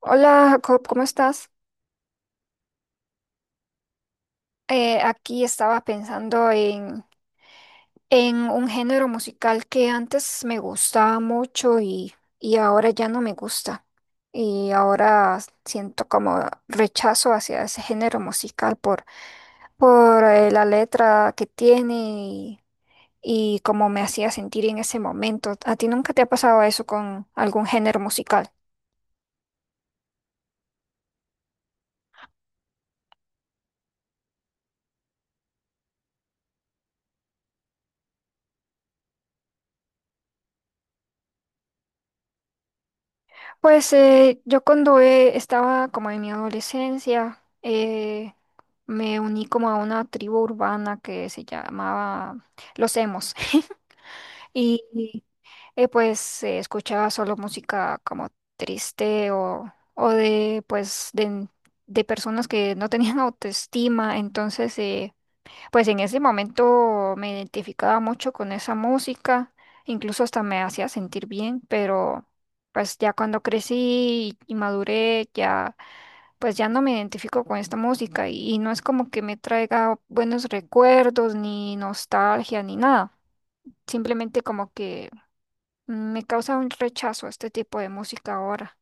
Hola Jacob, ¿cómo estás? Aquí estaba pensando en un género musical que antes me gustaba mucho y ahora ya no me gusta. Y ahora siento como rechazo hacia ese género musical por la letra que tiene y cómo me hacía sentir en ese momento. ¿A ti nunca te ha pasado eso con algún género musical? Pues yo cuando estaba como en mi adolescencia, me uní como a una tribu urbana que se llamaba Los Emos. Y pues se escuchaba solo música como triste o de personas que no tenían autoestima. Entonces pues en ese momento me identificaba mucho con esa música, incluso hasta me hacía sentir bien, pero pues ya cuando crecí y maduré, ya pues ya no me identifico con esta música y no es como que me traiga buenos recuerdos, ni nostalgia, ni nada. Simplemente como que me causa un rechazo este tipo de música ahora.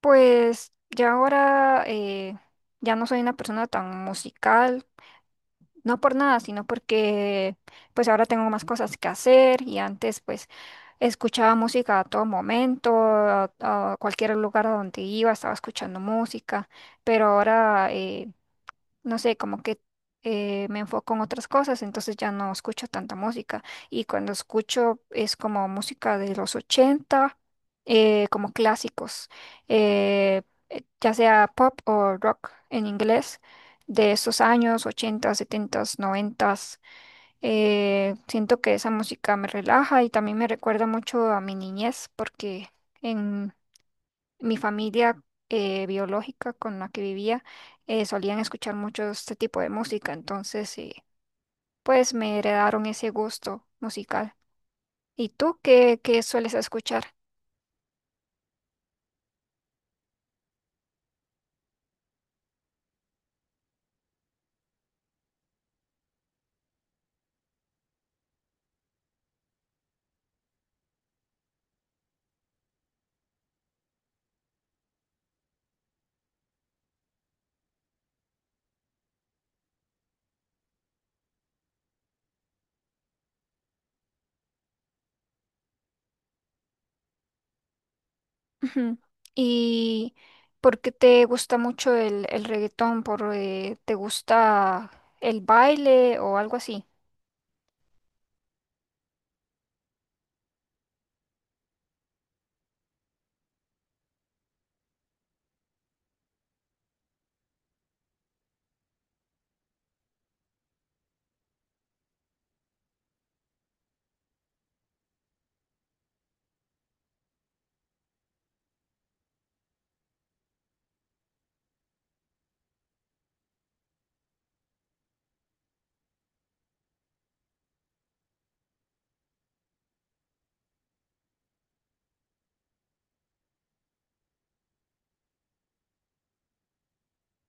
Pues ya ahora ya no soy una persona tan musical. No por nada, sino porque pues ahora tengo más cosas que hacer y antes pues escuchaba música a todo momento, a cualquier lugar a donde iba, estaba escuchando música, pero ahora no sé, como que me enfoco en otras cosas, entonces ya no escucho tanta música. Y cuando escucho es como música de los 80 como clásicos, eh, ya sea pop o rock en inglés, de esos años 80 70, 90. Siento que esa música me relaja y también me recuerda mucho a mi niñez porque... En, mi familia biológica con la que vivía solían escuchar mucho este tipo de música, entonces pues me heredaron ese gusto musical. ¿Y tú qué sueles escuchar? Ujú. ¿Y por qué te gusta mucho el reggaetón? ¿Por, te gusta el baile o algo así?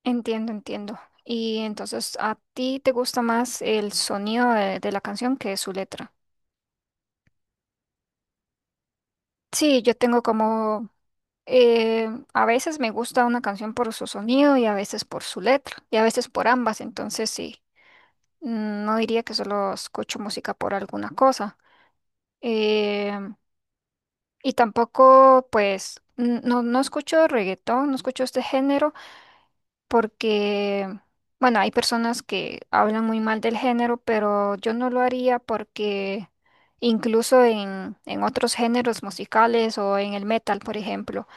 Entiendo, entiendo. Y entonces, ¿a ti te gusta más el sonido de la canción que su letra? Sí, yo tengo como a veces me gusta una canción por su sonido y a veces por su letra y a veces por ambas, entonces sí, mm, no diría que solo escucho música por alguna cosa. Eh, y tampoco, pues, no escucho reggaetón, no escucho este género porque, bueno, hay personas que hablan muy mal del género, pero yo no lo haría porque incluso en otros géneros musicales o en el metal, por ejemplo.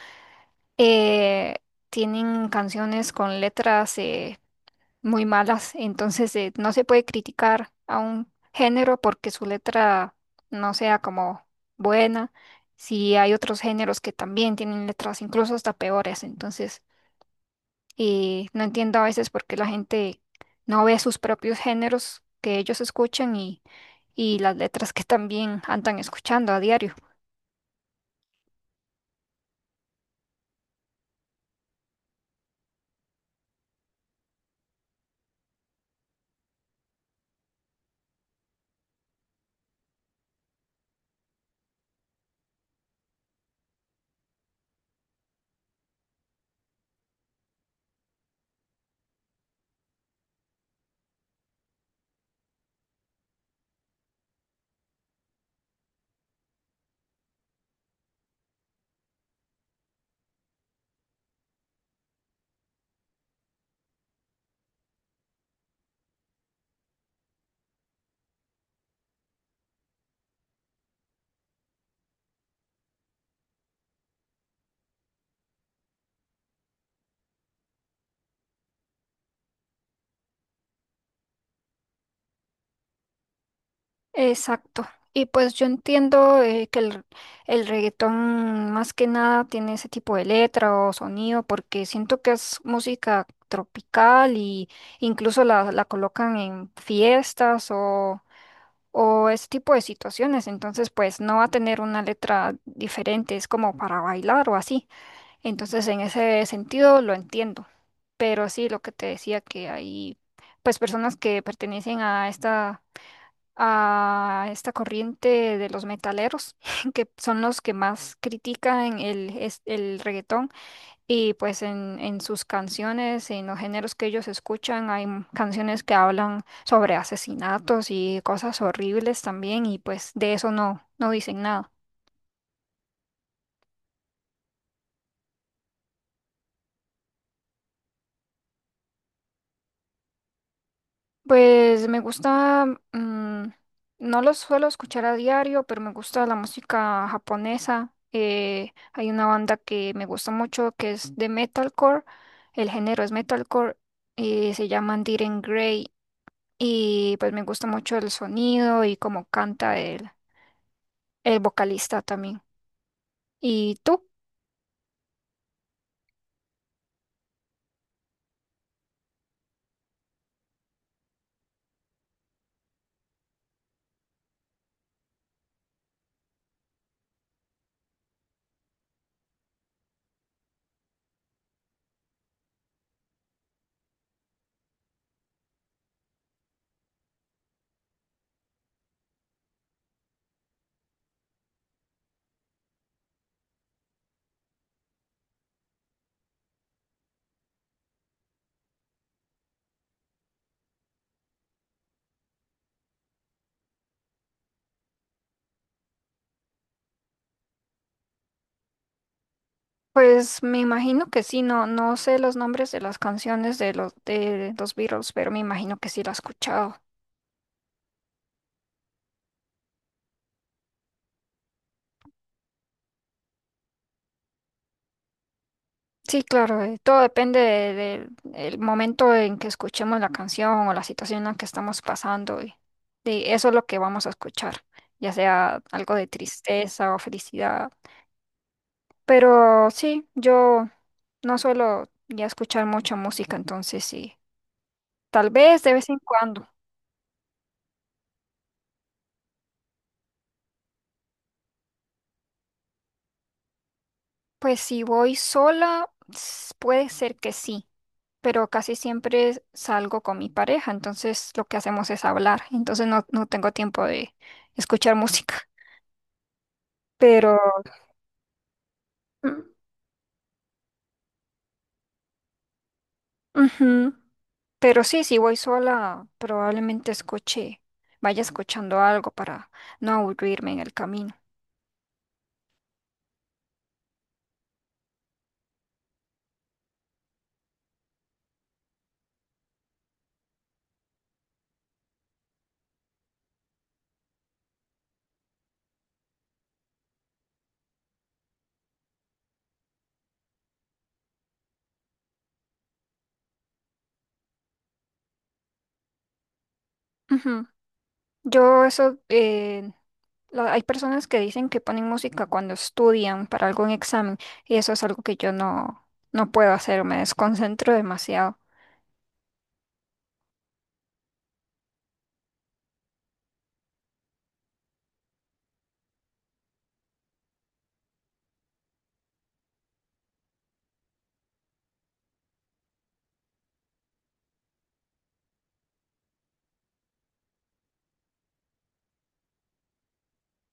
eh, Tienen canciones con letras muy malas, entonces no se puede criticar a un género porque su letra no sea como buena. Si hay otros géneros que también tienen letras incluso hasta peores, entonces no entiendo a veces por qué la gente no ve sus propios géneros que ellos escuchan y las letras que también andan escuchando a diario. Exacto. Y pues yo entiendo que el reggaetón más que nada tiene ese tipo de letra o sonido porque siento que es música tropical y incluso la colocan en fiestas o ese tipo de situaciones. Entonces pues no va a tener una letra diferente, es como para bailar o así. Entonces en ese sentido lo entiendo. Pero sí, lo que te decía que hay pues personas que pertenecen a esta corriente de los metaleros, que son los que más critican el reggaetón. Y pues en sus canciones, en los géneros que ellos escuchan, hay canciones que hablan sobre asesinatos y cosas horribles también, y pues de eso no dicen nada. Pues me gusta, mm, no los suelo escuchar a diario, pero me gusta la música japonesa. Hay una banda que me gusta mucho que es de metalcore, el género es metalcore, y se llaman Diren Grey y pues me gusta mucho el sonido y cómo canta el vocalista también. ¿Y tú? Pues me imagino que sí, no, no sé los nombres de las canciones de los Beatles, pero me imagino que sí la has escuchado. Sí, claro, todo depende de- del el momento en que escuchemos la canción o la situación en la que estamos pasando y de eso es lo que vamos a escuchar, ya sea algo de tristeza o felicidad. Pero sí, yo no suelo ya escuchar mucha música, entonces sí, tal vez de vez en cuando. Pues si voy sola, puede ser que sí, pero casi siempre salgo con mi pareja, entonces lo que hacemos es hablar, entonces no tengo tiempo de escuchar música. Pero, mm, ujú, pero sí, si voy sola, probablemente escuche, vaya escuchando algo para no aburrirme en el camino. Ujú. Yo eso, hay personas que dicen que ponen música cuando estudian para algún examen y eso es algo que yo no puedo hacer, me desconcentro demasiado.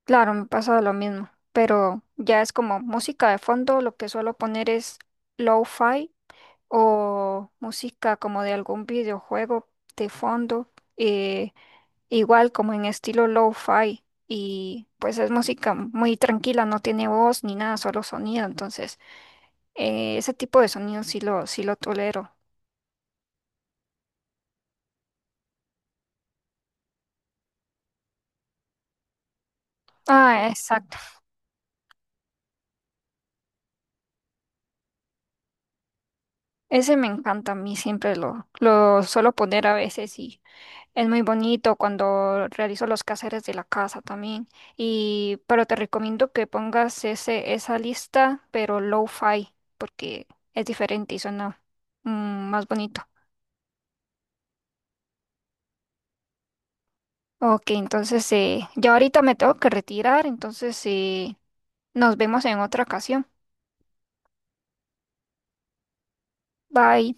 Claro, me pasa lo mismo, pero ya es como música de fondo, lo que suelo poner es lo-fi o música como de algún videojuego de fondo, eh, igual como en estilo lo-fi y pues es música muy tranquila, no tiene voz ni nada, solo sonido, entonces ese tipo de sonido sí lo tolero. Ah, exacto. Ese me encanta a mí, siempre lo suelo poner a veces y es muy bonito cuando realizo los quehaceres de la casa también. Y, pero te recomiendo que pongas esa lista, pero low-fi, porque es diferente y suena mm, más bonito. Ok, entonces yo ahorita me tengo que retirar, entonces nos vemos en otra ocasión. Bye.